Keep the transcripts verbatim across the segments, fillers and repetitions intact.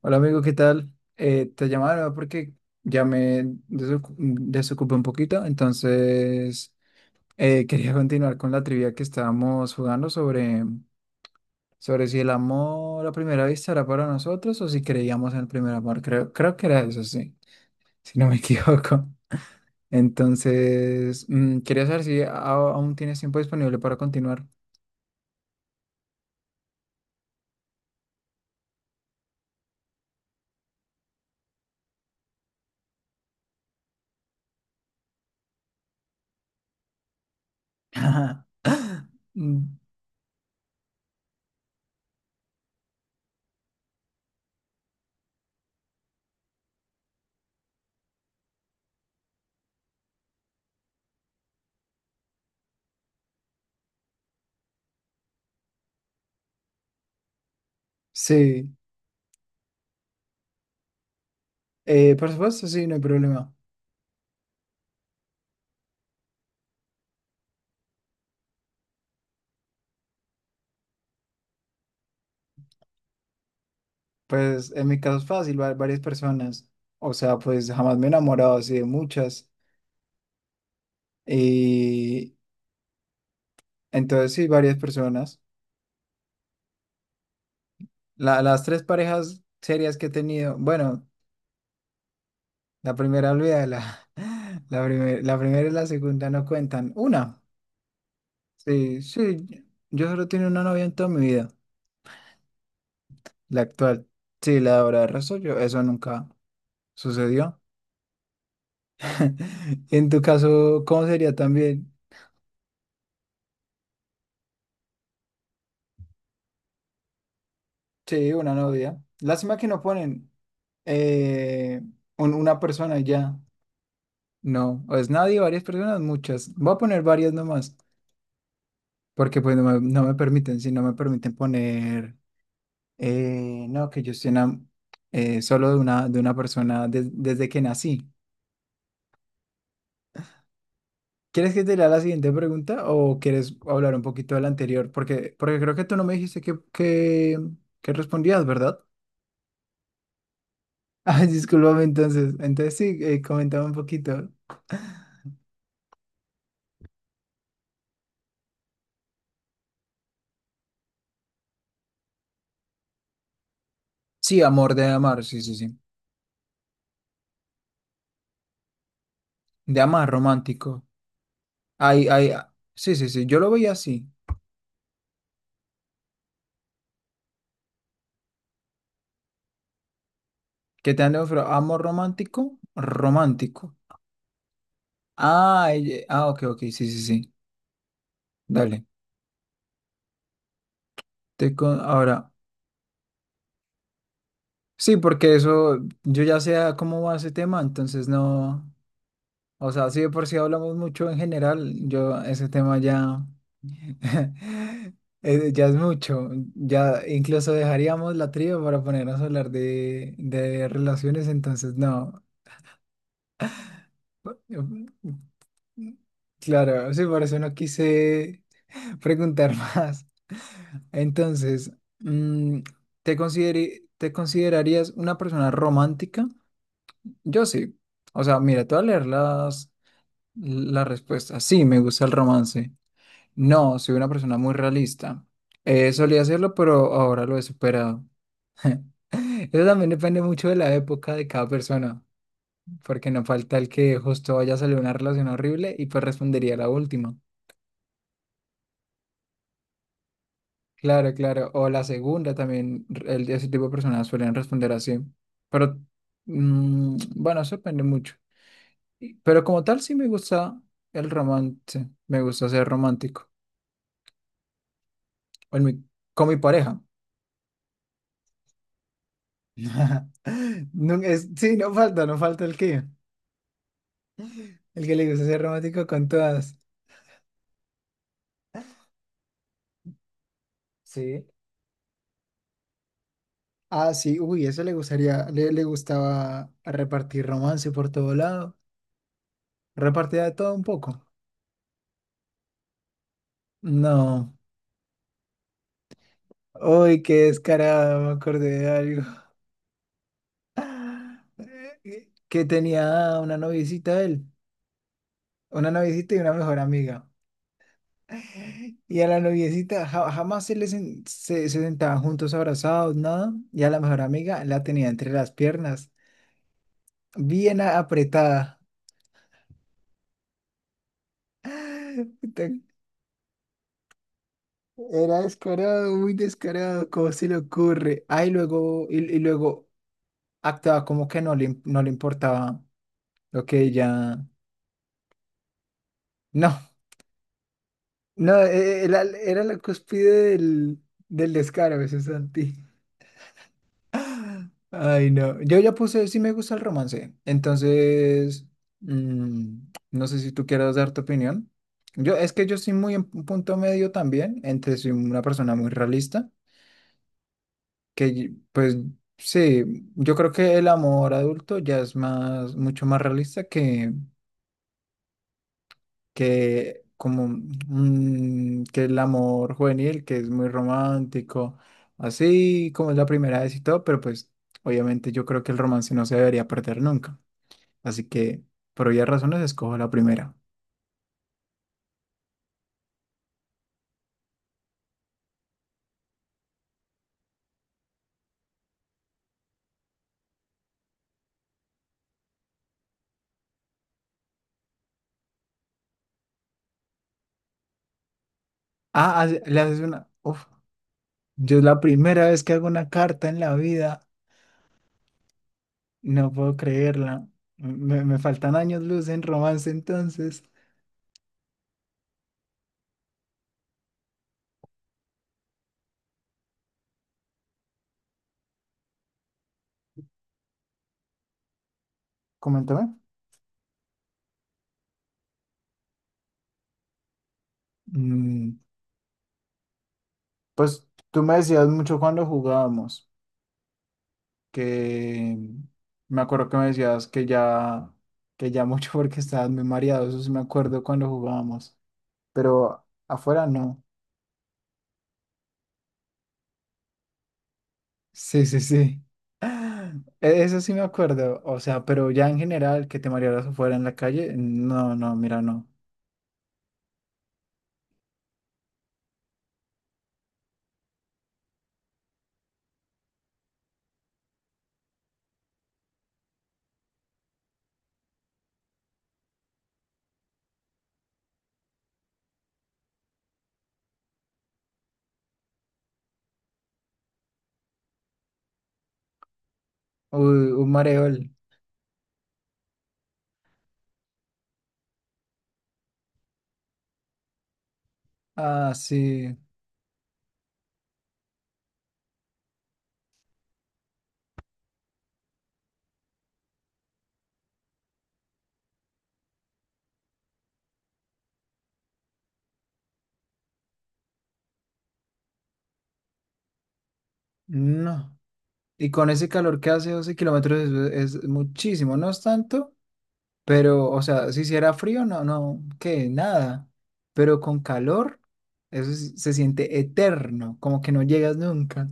Hola amigo, ¿qué tal? Eh, te llamaba porque ya me desocu- mm, desocupé un poquito, entonces eh, quería continuar con la trivia que estábamos jugando sobre, sobre si el amor a primera vista era para nosotros o si creíamos en el primer amor. Creo, creo que era eso, sí, si no me equivoco. Entonces, mm, quería saber si a- aún tienes tiempo disponible para continuar. Mm, sí, eh, por supuesto, sí, no hay problema. Pues en mi caso es fácil, va- varias personas. O sea, pues jamás me he enamorado así de muchas. Y entonces sí, varias personas. La- las tres parejas serias que he tenido, bueno, la primera olvida, la, la, primer- la primera y la segunda no cuentan. Una, sí, sí, yo solo tengo una novia en toda mi vida, la actual. Sí, la de ahora, de resto yo, eso nunca sucedió. En tu caso, ¿cómo sería también? Sí, una novia. Lástima que no ponen eh, un- una persona y ya. No, o es nadie, varias personas, muchas. Voy a poner varias nomás, porque pues no me, no me permiten, si no me permiten poner, eh, no, que yo estoy enam- eh, solo de una, de una persona des- desde que nací. ¿Quieres que te lea la siguiente pregunta o quieres hablar un poquito de la anterior? Porque, porque creo que tú no me dijiste que, que, que respondías, ¿verdad? Ay, discúlpame entonces. Entonces sí, eh, comentaba un poquito. Sí, amor de amar, sí, sí, sí. De amar romántico. Ay, ay, ah, sí, sí, sí. Yo lo veía así. Que te han ofrecido amor romántico, romántico. Ah, ella- ah, ok, ok, sí, sí, sí. Dale. Te con- ahora, sí, porque eso, yo ya sé a cómo va ese tema, entonces no. O sea, sí, de por si hablamos mucho en general, yo ese tema ya, eh, ya es mucho, ya incluso dejaríamos la tría para ponernos a hablar de, de relaciones, entonces no. Claro, sí, por eso no quise preguntar más. Entonces, mm, ¿te consideri- ¿te considerarías una persona romántica? Yo sí. O sea, mira, te voy a leer las, las respuestas. Sí, me gusta el romance. No, soy una persona muy realista. Eh, solía hacerlo, pero ahora lo he superado. Eso también depende mucho de la época de cada persona, porque no falta el que justo vaya a salir una relación horrible y pues respondería la última. Claro, claro. O la segunda también, r- el, ese tipo de personas suelen responder así. Pero mm, bueno, eso depende mucho. Y- Pero como tal, sí me gusta el romance, me gusta ser romántico. Con mi, con mi pareja. No, es, sí, no falta, no falta el que, el que le gusta ser romántico con todas. Sí. Ah, sí, uy, eso le gustaría, le, le gustaba repartir romance por todo lado, repartía de todo un poco. No, uy, qué descarado, me acordé de algo. Que tenía una noviecita él, una noviecita y una mejor amiga. Y a la noviecita ja- jamás se les en- se, se sentaban juntos abrazados, nada. Y a la mejor amiga la tenía entre las piernas, bien a- apretada. Puta, era descarado, muy descarado, ¿cómo se le ocurre? Ay, luego, y, y luego actuaba como que no le, im- no le importaba lo que ella. No, no, e- e- era, era la cúspide del, del descaro, eso es Santi. Ay, no. Yo ya puse, sí me gusta el romance. Entonces, mm, no sé si tú quieras dar tu opinión. Yo, es que yo soy muy en un punto medio también, entre soy una persona muy realista, que y- pues sí, yo creo que el amor adulto ya es más, mucho más realista que, que como mm, que el amor juvenil, que es muy romántico, así como es la primera vez y todo, pero pues obviamente yo creo que el romance no se debería perder nunca. Así que, por obvias razones, escojo la primera. Ah, hace- le haces una. Uf, yo es la primera vez que hago una carta en la vida. No puedo creerla. Me, me faltan años luz en romance, entonces. Coméntame. Mm, pues tú me decías mucho cuando jugábamos que me acuerdo que me decías que ya, que ya mucho porque estabas muy mareado. Eso sí me acuerdo cuando jugábamos. Pero afuera no. Sí, sí, sí. Ah, E- Eso sí me acuerdo. O sea, pero ya en general, que te marearas afuera en la calle, no, no, mira, no. Uy, un mareol. Ah, sí. No. Y con ese calor que hace doce kilómetros es, es muchísimo, no es tanto, pero, o sea, si hiciera frío, no, no, que nada. Pero con calor, eso sí se siente eterno, como que no llegas nunca.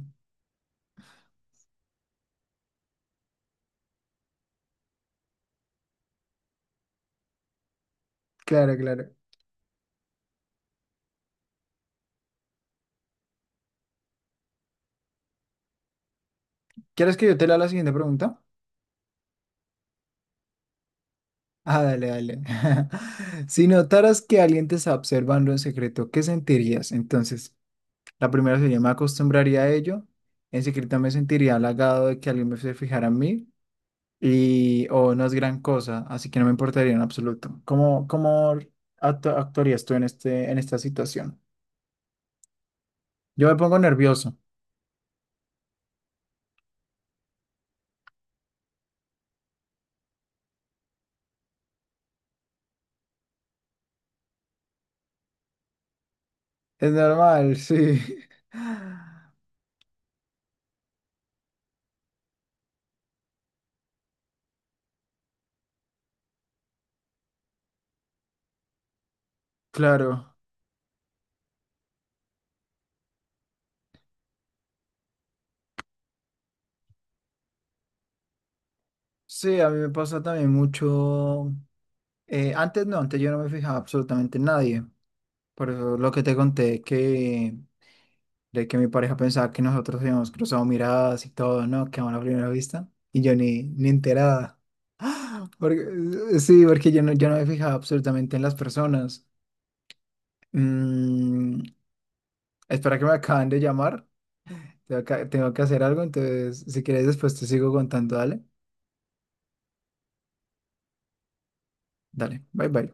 Claro, claro. ¿Quieres que yo te lea la siguiente pregunta? Ah, dale, dale. Si notaras que alguien te está observando en secreto, ¿qué sentirías? Entonces, la primera sería, me acostumbraría a ello. En secreto me sentiría halagado de que alguien me se fijara en mí. Y, o no es gran cosa, así que no me importaría en absoluto. ¿Cómo, cómo actu- actuarías tú en este, en esta situación? Yo me pongo nervioso. Es normal, sí. Claro. Sí, a mí me pasa también mucho. Eh, antes no, antes yo no me fijaba absolutamente en nadie. Por eso lo que te conté, que de que mi pareja pensaba que nosotros habíamos cruzado miradas y todo, ¿no? Que a una primera vista. Y yo ni, ni enterada. ¡Ah! Porque, eh, sí, porque yo no, yo no me fijaba absolutamente en las personas. Mm, espera que me acaban de llamar. Tengo que, tengo que hacer algo, entonces si quieres después te sigo contando, dale. Dale, bye bye.